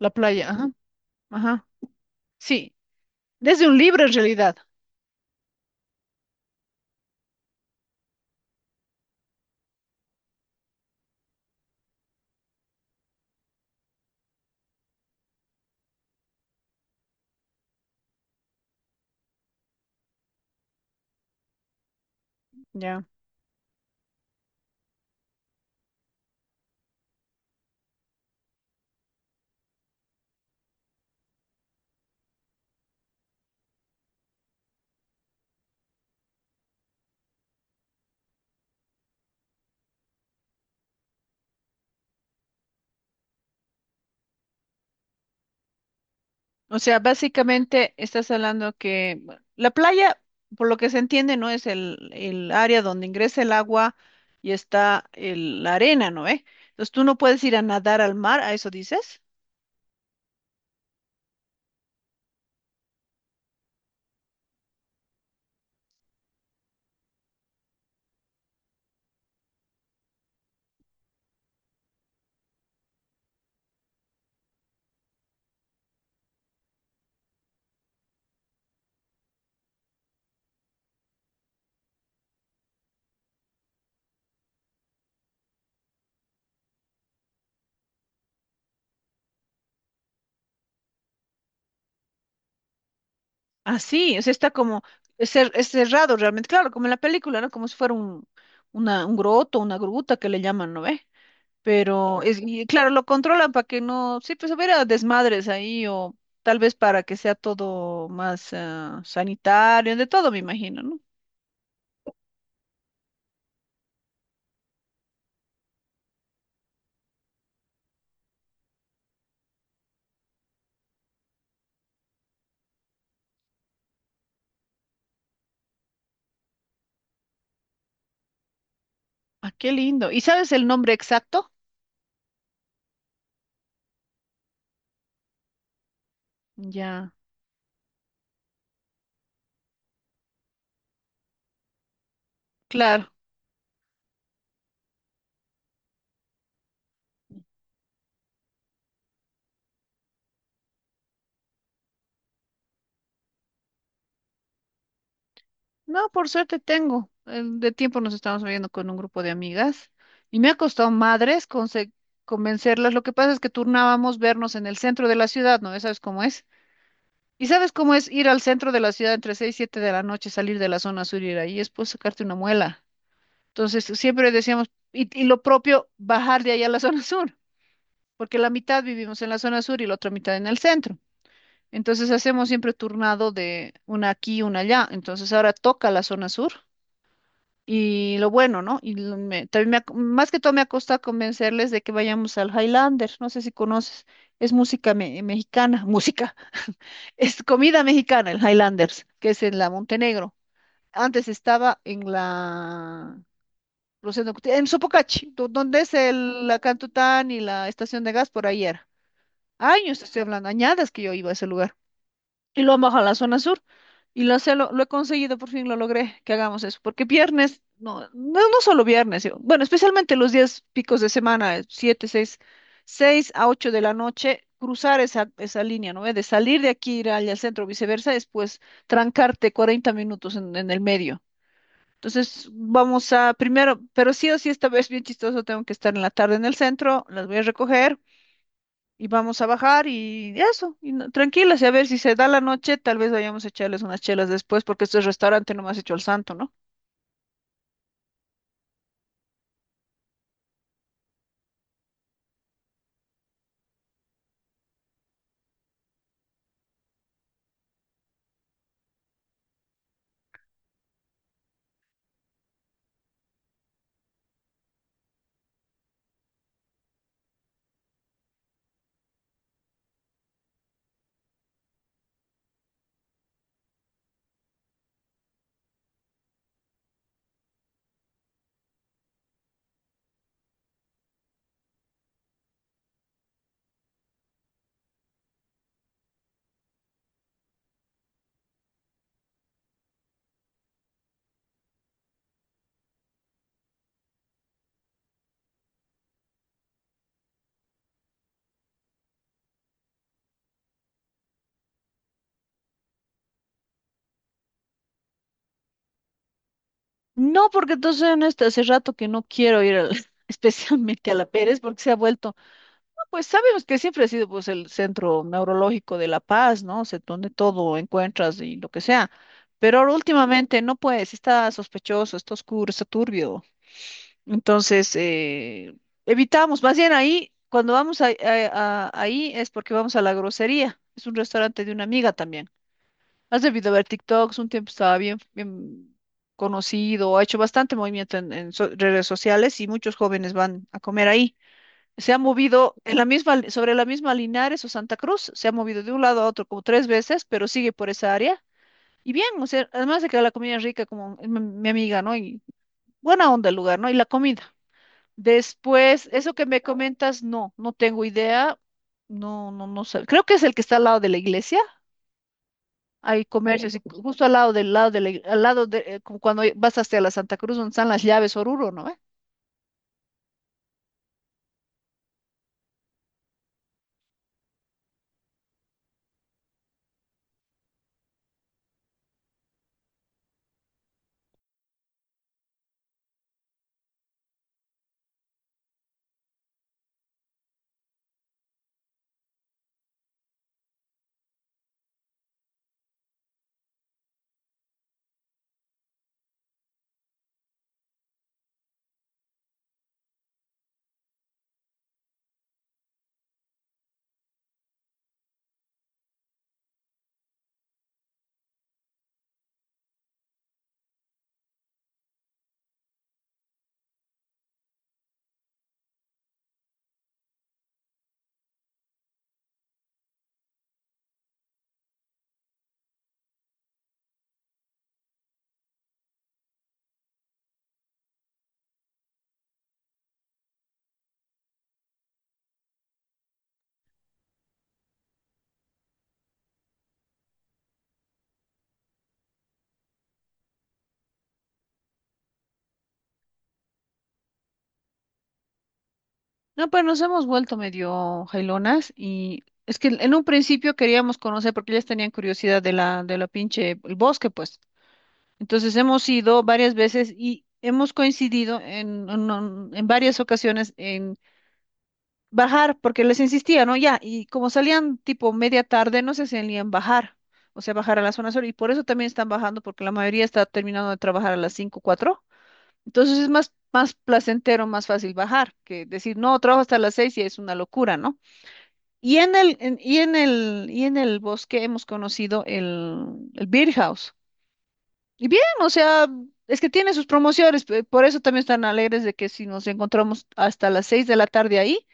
La playa, ajá, ajá. Sí, desde un libro en realidad. Ya. O sea, básicamente estás hablando que bueno, la playa, por lo que se entiende, no es el área donde ingresa el agua y está la arena, ¿no? ¿Eh? Entonces tú no puedes ir a nadar al mar, ¿a eso dices? Así, o sea, está como es cerrado realmente, claro, como en la película, ¿no? Como si fuera un, una, un groto, una gruta que le llaman, ¿no? ¿Ve? Pero es, y claro, lo controlan para que no, sí, pues hubiera desmadres ahí o tal vez para que sea todo más sanitario, de todo me imagino, ¿no? Ah, qué lindo. ¿Y sabes el nombre exacto? Ya, claro. No, por suerte tengo. De tiempo nos estamos viendo con un grupo de amigas y me ha costado madres convencerlas. Lo que pasa es que turnábamos vernos en el centro de la ciudad, ¿no? Ya. ¿Sabes cómo es? ¿Y sabes cómo es ir al centro de la ciudad entre 6 y 7 de la noche, salir de la zona sur y ir ahí? Es, pues, sacarte una muela. Entonces, siempre decíamos, y lo propio, bajar de allá a la zona sur, porque la mitad vivimos en la zona sur y la otra mitad en el centro. Entonces, hacemos siempre turnado de una aquí y una allá. Entonces, ahora toca la zona sur y lo bueno, ¿no? Y también más que todo me ha costado convencerles de que vayamos al Highlander. No sé si conoces, es música mexicana, música. Es comida mexicana, el Highlanders, que es en la Montenegro. Antes estaba en la... en Sopocachi, donde es el, la Cantután y la estación de gas por ayer. Años estoy hablando, añadas que yo iba a ese lugar y lo han bajado a la zona sur. Y lo, sé, lo he conseguido, por fin lo logré, que hagamos eso. Porque viernes, no, no, no solo viernes, bueno, especialmente los días picos de semana, siete, seis, seis a ocho de la noche, cruzar esa línea, ¿no? De salir de aquí, ir allá al centro, viceversa, después trancarte 40 minutos en el medio. Entonces, vamos a, primero, pero sí o sí, esta vez bien chistoso, tengo que estar en la tarde en el centro, las voy a recoger, y vamos a bajar y eso, y tranquilas, y a ver si se da la noche, tal vez vayamos a echarles unas chelas después, porque este restaurante no me has hecho el santo, ¿no? No, porque entonces en este hace rato que no quiero ir especialmente a la Pérez, porque se ha vuelto, no, pues sabemos que siempre ha sido, pues, el centro neurológico de La Paz, ¿no? O sea, donde todo encuentras y lo que sea. Pero ahora últimamente no puedes, está sospechoso, está oscuro, está turbio. Entonces, evitamos, más bien ahí, cuando vamos ahí es porque vamos a La Grosería, es un restaurante de una amiga también. Has debido ver TikToks, un tiempo estaba bien, bien conocido, ha hecho bastante movimiento en, en redes sociales, y muchos jóvenes van a comer ahí. Se ha movido en la misma, li- sobre la misma Linares o Santa Cruz, se ha movido de un lado a otro como tres veces, pero sigue por esa área. Y bien, o sea, además de que la comida es rica, como mi amiga, ¿no? Y buena onda el lugar, ¿no? Y la comida. Después, eso que me comentas, no, no tengo idea. No, no, no sé. Creo que es el que está al lado de la iglesia. Hay comercios, y justo al lado del lado al lado de, como cuando vas hasta la Santa Cruz, donde están las llaves Oruro, ¿no? ¿Ve? No, pues nos hemos vuelto medio jailonas, y es que en un principio queríamos conocer porque ellas tenían curiosidad de la pinche, el bosque, pues. Entonces hemos ido varias veces y hemos coincidido en, en varias ocasiones en bajar, porque les insistía, ¿no? Ya, y como salían tipo media tarde, no se salían bajar, o sea, bajar a las zona sur, y por eso también están bajando, porque la mayoría está terminando de trabajar a las cinco, cuatro, entonces es más, más placentero, más fácil bajar, que decir, no, trabajo hasta las 6 y es una locura, ¿no? En el bosque hemos conocido el Beer House. Y bien, o sea, es que tiene sus promociones, por eso también están alegres de que si nos encontramos hasta las seis de la tarde ahí,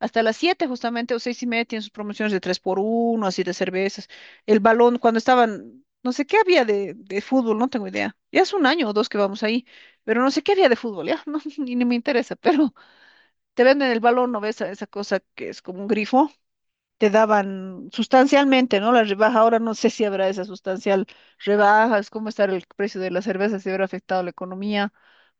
hasta las siete justamente o seis y media, tienen sus promociones de tres por uno, así, de cervezas. El balón, cuando estaban, no sé qué había de fútbol, no tengo idea. Ya es un año o dos que vamos ahí, pero no sé qué había de fútbol, ya, no, ni me interesa, pero te venden el balón, ¿no ves? Esa cosa que es como un grifo te daban sustancialmente, ¿no? La rebaja, ahora no sé si habrá esa sustancial rebaja, es cómo estará el precio de la cerveza, si habrá afectado la economía,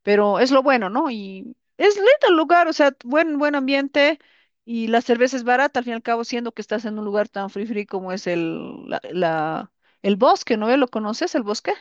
pero es lo bueno, ¿no? Y es lindo el lugar, o sea, buen ambiente, y la cerveza es barata, al fin y al cabo, siendo que estás en un lugar tan free free como es el bosque, ¿no? ¿Lo conoces, el bosque?